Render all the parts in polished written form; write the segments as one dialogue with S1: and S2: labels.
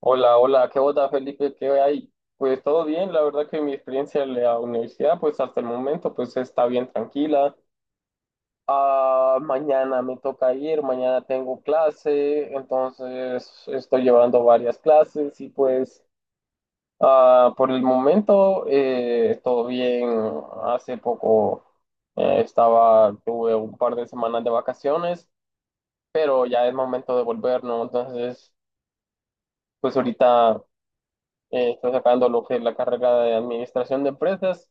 S1: Hola, hola, ¿qué onda, Felipe? ¿Qué hay? Pues todo bien, la verdad que mi experiencia en la universidad, pues hasta el momento, pues está bien tranquila. Ah, mañana me toca ir, mañana tengo clase, entonces estoy llevando varias clases y pues por el momento todo bien. Hace poco estaba, tuve un par de semanas de vacaciones, pero ya es momento de volver, ¿no? Entonces, pues ahorita... está sacando lo que es la carrera de administración de empresas,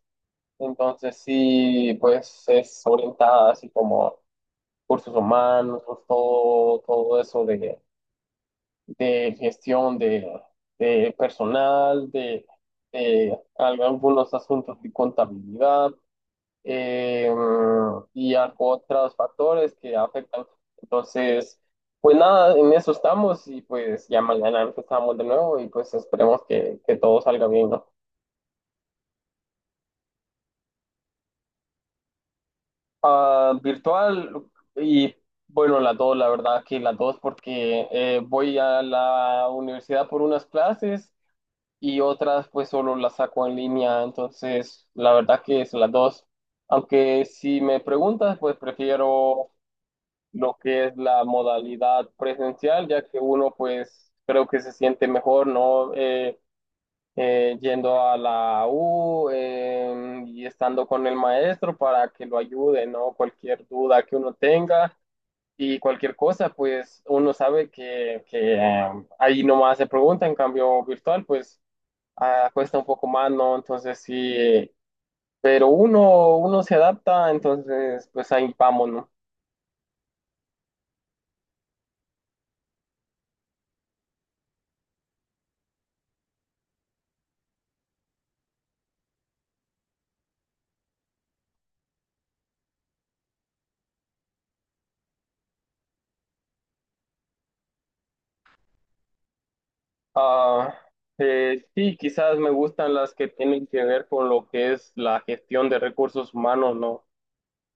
S1: entonces sí, pues es orientada así como cursos humanos, pues, todo eso de gestión de personal, de, de algunos asuntos de contabilidad eh, y algo otros factores que afectan. Entonces, pues nada, en eso estamos y pues ya mañana empezamos de nuevo y pues esperemos que todo salga bien, ¿no? Ah, virtual y bueno, las dos, la verdad que las dos porque voy a la universidad por unas clases y otras pues solo las saco en línea, entonces la verdad que es las dos. Aunque si me preguntas, pues prefiero lo que es la modalidad presencial, ya que uno pues creo que se siente mejor, ¿no? Yendo a la U y estando con el maestro para que lo ayude, ¿no? Cualquier duda que uno tenga y cualquier cosa, pues uno sabe que ahí nomás se pregunta, en cambio virtual, pues cuesta un poco más, ¿no? Entonces sí, pero uno se adapta, entonces pues ahí vamos, ¿no? Ah, sí, quizás me gustan las que tienen que ver con lo que es la gestión de recursos humanos, ¿no?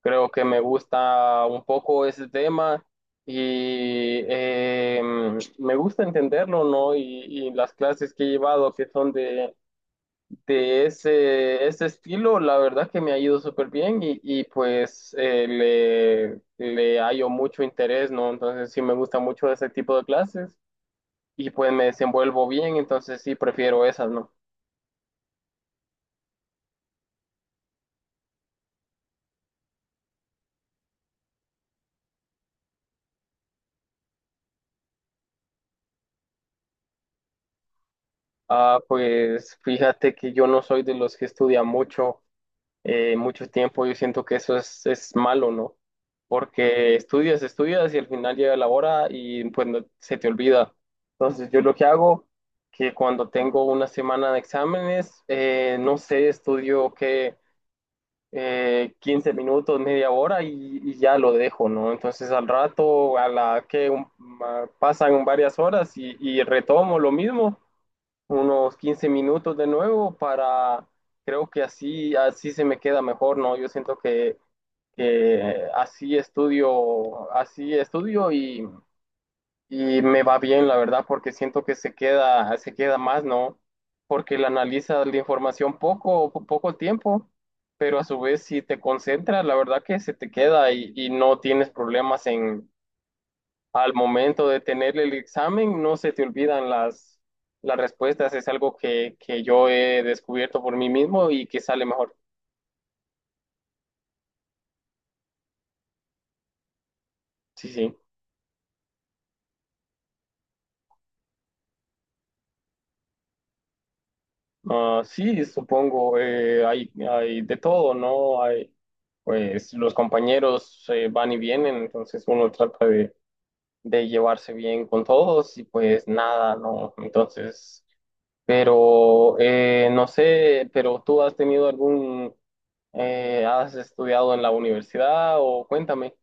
S1: Creo que me gusta un poco ese tema y me gusta entenderlo, ¿no? Y las clases que he llevado que son de ese, ese estilo, la verdad que me ha ido súper bien y pues le, le hallo mucho interés, ¿no? Entonces sí me gusta mucho ese tipo de clases y pues me desenvuelvo bien, entonces sí prefiero esas, ¿no? Ah, pues fíjate que yo no soy de los que estudia mucho. Mucho tiempo, yo siento que eso es malo, ¿no? Porque estudias, estudias y al final llega la hora y pues se te olvida. Entonces yo lo que hago, que cuando tengo una semana de exámenes, no sé, estudio que 15 minutos, media hora y ya lo dejo, ¿no? Entonces al rato, a la que pasan varias horas y retomo lo mismo unos 15 minutos de nuevo para, creo que así, así se me queda mejor, ¿no? Yo siento que así estudio y me va bien, la verdad, porque siento que se queda más, ¿no? Porque la analiza la información poco, poco tiempo, pero a su vez si te concentras, la verdad que se te queda y no tienes problemas al momento de tener el examen no se te olvidan las respuestas. Es algo que yo he descubierto por mí mismo y que sale mejor. Sí, sí. Ah, sí, supongo, hay, hay de todo, ¿no? Hay, pues los compañeros van y vienen, entonces uno trata de llevarse bien con todos y pues nada, ¿no? Entonces, pero no sé, pero tú has tenido algún, has estudiado en la universidad o cuéntame.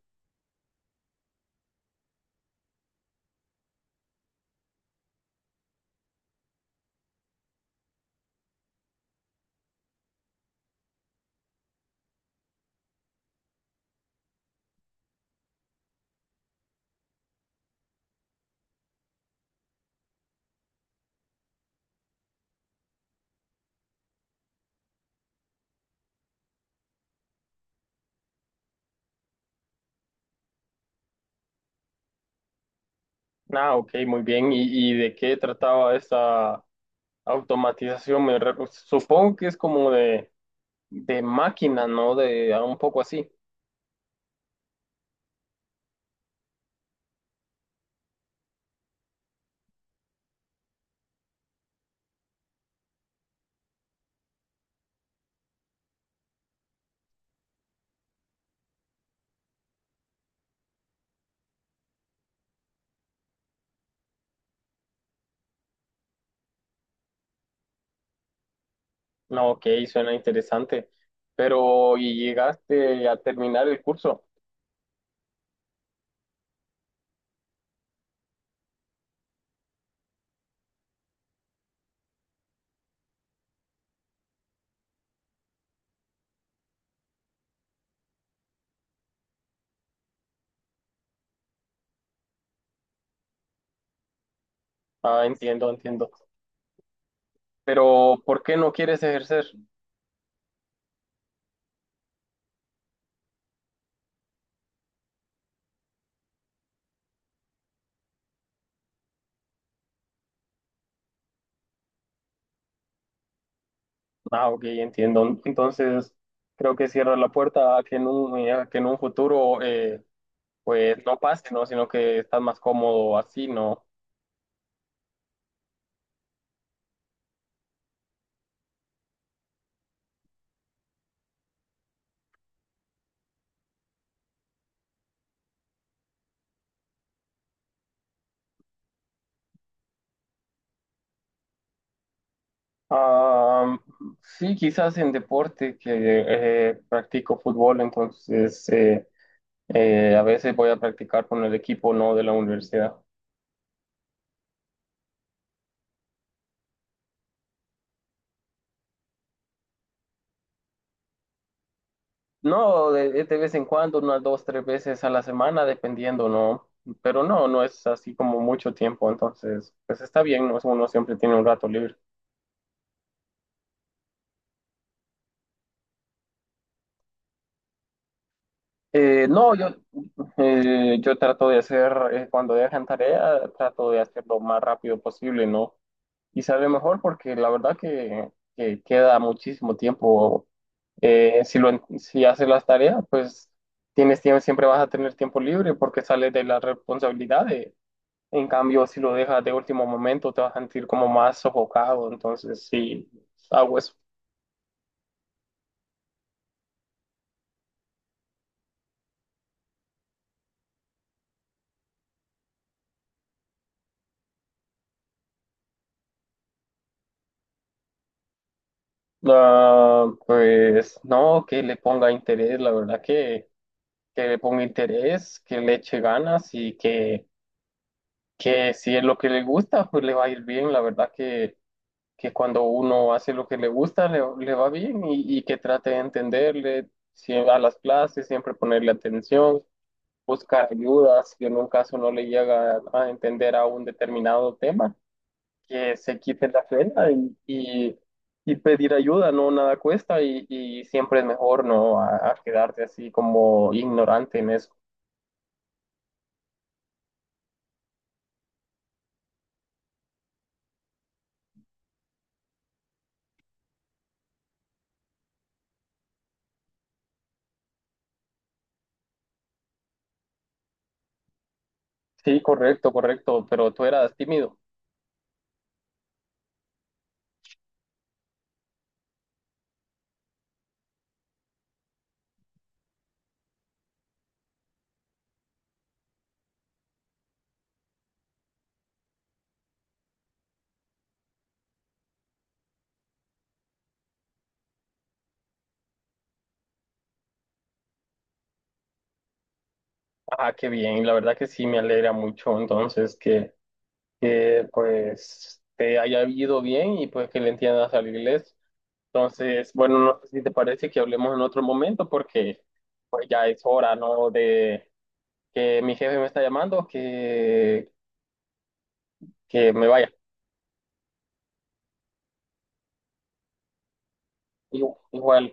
S1: Ah, ok, muy bien. Y de qué trataba esta automatización? Supongo que es como de máquina, ¿no? De ah, un poco así. No, ok, suena interesante. Pero, ¿y llegaste a terminar el curso? Ah, entiendo, entiendo. Pero, ¿por qué no quieres ejercer? Ah, ok, entiendo. Entonces, creo que cierra la puerta a que en un, a que en un futuro, pues, no pase, ¿no? Sino que estás más cómodo así, ¿no? Ah, sí, quizás en deporte, que practico fútbol, entonces a veces voy a practicar con el equipo no de la universidad. No, de vez en cuando, unas dos, tres veces a la semana, dependiendo, ¿no? Pero no, no es así como mucho tiempo, entonces, pues está bien, ¿no? Uno siempre tiene un rato libre. No, yo, yo trato de hacer, cuando dejan tarea, trato de hacerlo lo más rápido posible, ¿no? Y sale mejor porque la verdad que queda muchísimo tiempo. Si haces las tareas, pues tienes tiempo, siempre vas a tener tiempo libre porque sales de las responsabilidades. En cambio, si lo dejas de último momento, te vas a sentir como más sofocado. Entonces, sí, hago eso. Ah, pues no, que le ponga interés, la verdad que le ponga interés, que le eche ganas y que si es lo que le gusta, pues le va a ir bien. La verdad que cuando uno hace lo que le gusta, le va bien y que trate de entenderle a las clases, siempre ponerle atención, buscar ayudas, si en un caso no le llega a entender a un determinado tema, que se quite la pena y pedir ayuda, no nada cuesta y siempre es mejor no a quedarte así como ignorante en eso. Sí, correcto, correcto, pero tú eras tímido. Ah, qué bien, la verdad que sí me alegra mucho entonces que pues te haya ido bien y pues que le entiendas al inglés. Entonces, bueno, no sé si te parece que hablemos en otro momento porque pues ya es hora, ¿no? De que mi jefe me está llamando, que me vaya. Igual.